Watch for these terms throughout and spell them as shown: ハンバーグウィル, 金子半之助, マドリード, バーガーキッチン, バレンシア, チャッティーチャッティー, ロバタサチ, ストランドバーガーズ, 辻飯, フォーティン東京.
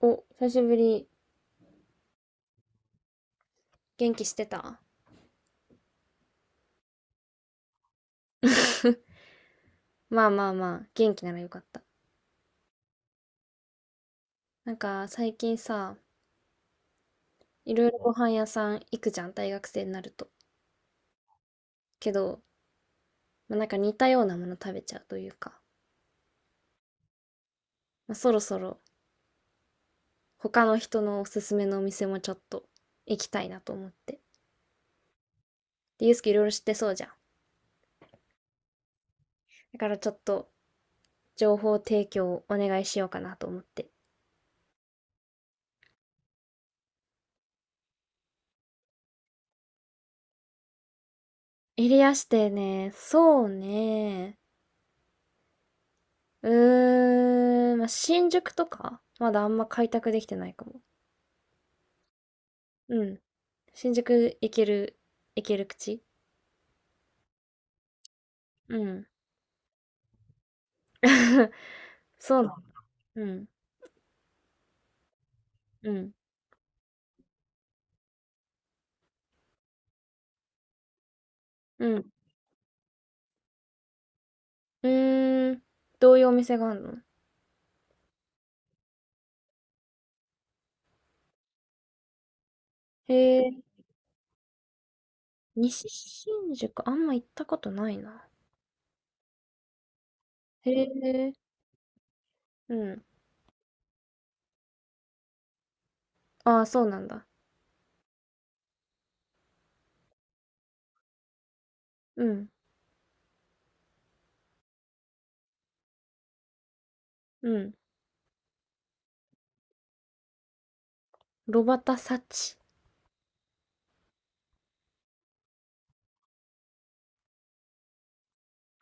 お、久しぶり。元気してた？ まあまあまあ、元気ならよかった。なんか最近さ、いろいろご飯屋さん行くじゃん、大学生になると。けど、まあ、なんか似たようなもの食べちゃうというか、まあ、そろそろ他の人のおすすめのお店もちょっと行きたいなと思って。で、ゆうすけいろいろ知ってそうじゃん。だからちょっと情報提供をお願いしようかなと思って。エリア指定ね、そうね。うーん、まあ、新宿とか、まだあんま開拓できてないかも。うん。新宿行ける、行ける口？うん。そうなの。うん、うん、うん。うーん、どういうお店があるの？へえ、西新宿あんま行ったことないな。へえ、うん。ああ、そうなんだ。うん、うん。ロバタサチ。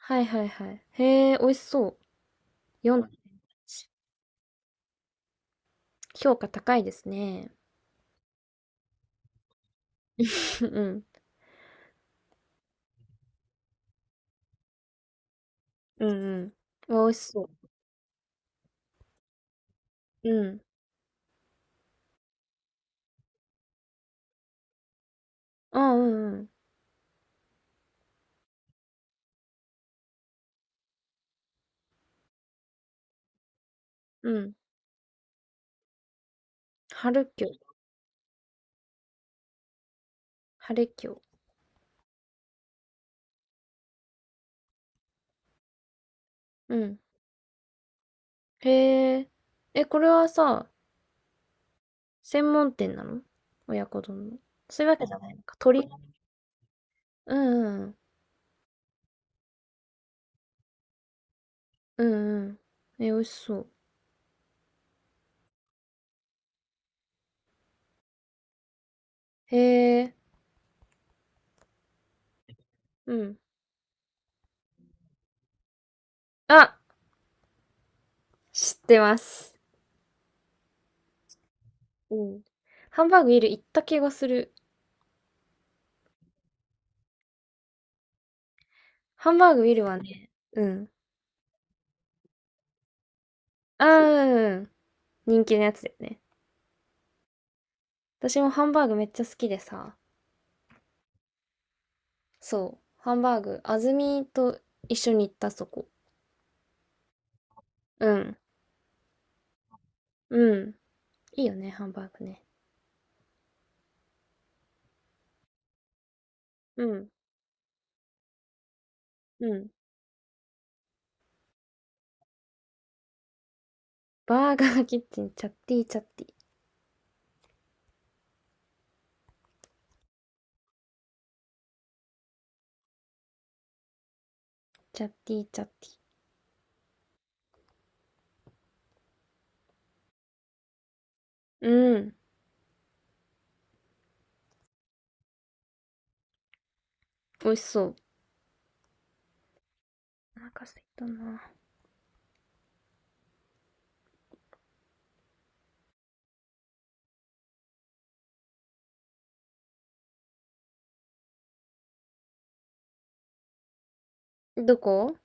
はいはいはい。へえ、美味しそう。4、評価高いですね。うん、うん、うん。美味しそう。うん。あ、うんうん。うん。春キョ、晴れキョ。うん。へえ。え、これはさ、専門店なの？親子丼の。そういうわけじゃないのか。鳥。うんうん。うんうん。え、美味しそう。へえ。うん。あ、知ってます。うん。ハンバーグウィル行った気がする。ハンバーグウィルはね、うん。あー、うんうん。人気のやつだよね。私もハンバーグめっちゃ好きでさ、そう。ハンバーグ、安住と一緒に行ったそこ。うん。うん。いいよね、ハンバーグね。うん。うん。バーガーキッチン、チャッティーチャッティー。チャッティーチャッティー。うん。美味しそう。お腹空いたな。どこ？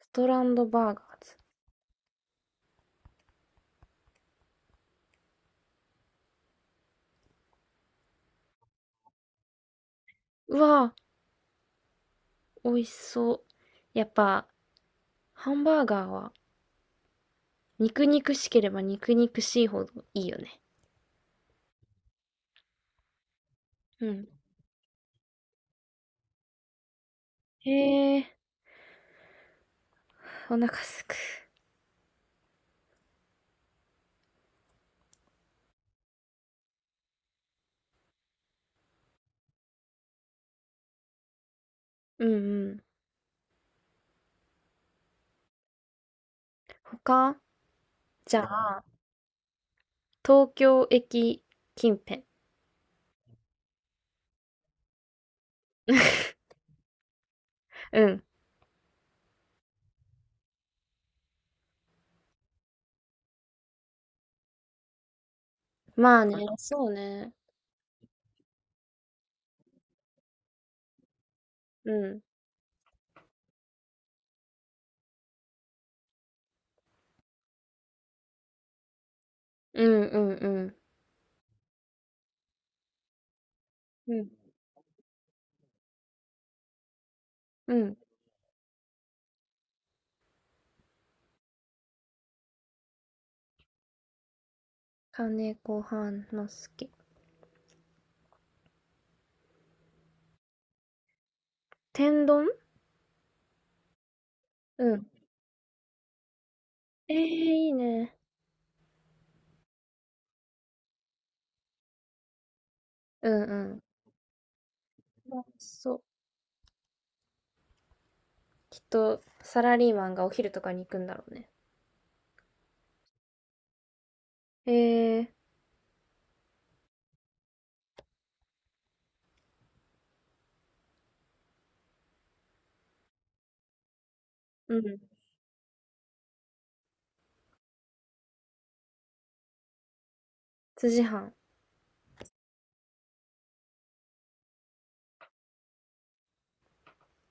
ストランドバーガーズ。うわぁ、美味しそう。やっぱ、ハンバーガーは、肉肉しければ肉肉しいほどいいよね。うん。へえ、お腹すく。うんうん。他？じゃあ、東京駅近辺。うん。まあね、そうね。うん。うんうんうん。うん。うん。金子半之助。天丼？うん。ええー、いいね。うんうん。まあそう。きっと、サラリーマンがお昼とかに行くんだろうね。ええ、うん。辻飯？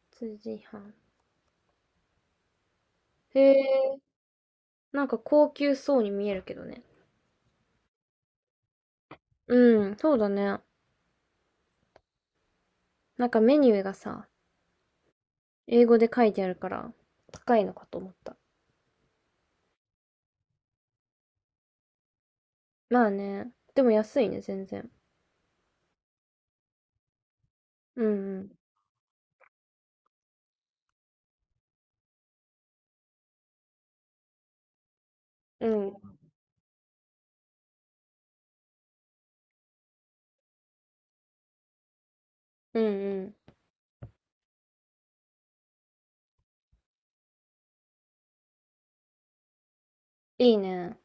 辻飯？へえ、なんか高級そうに見えるけどね。うん、そうだね。なんかメニューがさ、英語で書いてあるから、高いのかと思った。まあね。でも安いね、全然。うんうん。うん。うんうん。いいね。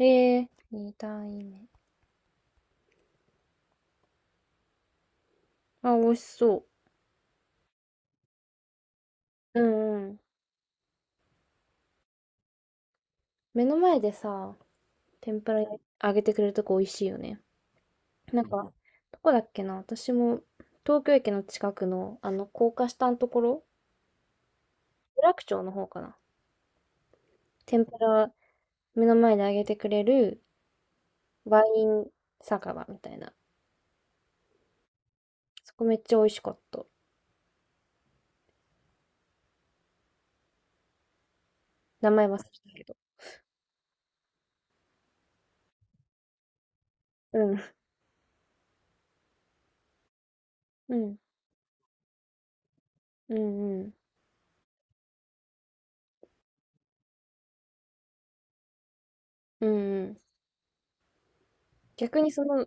ええ、二段い、めあ、美味しそう。うんうん。目の前でさ、天ぷら揚げてくれるとこ美味しいよね。なんか、うん、どこだっけな私も、東京駅の近くの、あの、高架下のところ、有楽町の方かな。天ぷら目の前で揚げてくれるワイン酒場みたいな。そこめっちゃ美味しかった。名前忘れたけど。うん。うん。うんうん。うんうん。逆にその、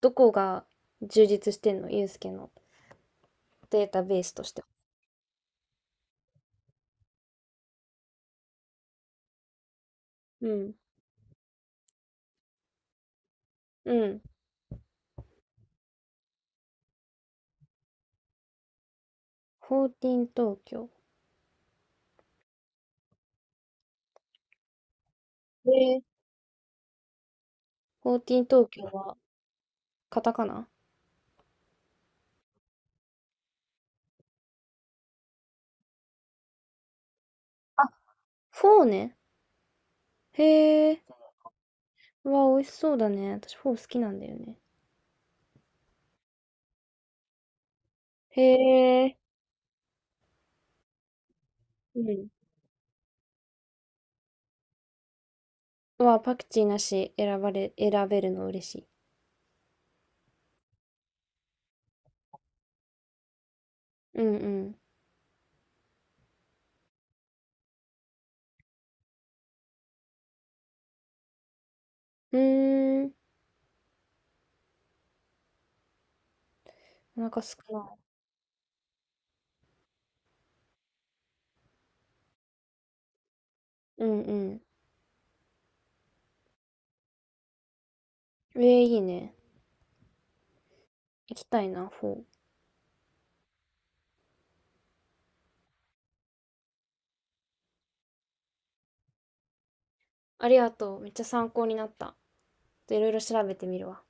どこが充実してんのユうスケのデータベースとして。うん。うん。フォーティン東京。えー、フォーティン東京はカタカナ？フォーね。へえ。うわ、美味しそうだね。私フォー好きなんだよね。へえ。うん。うわ、パクチーなし選ばれ、選べるの嬉しい。うんうん。うーん。お腹すくない。うんうん。ええ、いいね。行きたいな、フォー。ありがとう。めっちゃ参考になった。といろいろ調べてみるわ。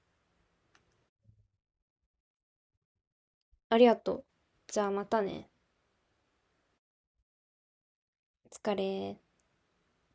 ありがとう。じゃあまたね。お疲れ。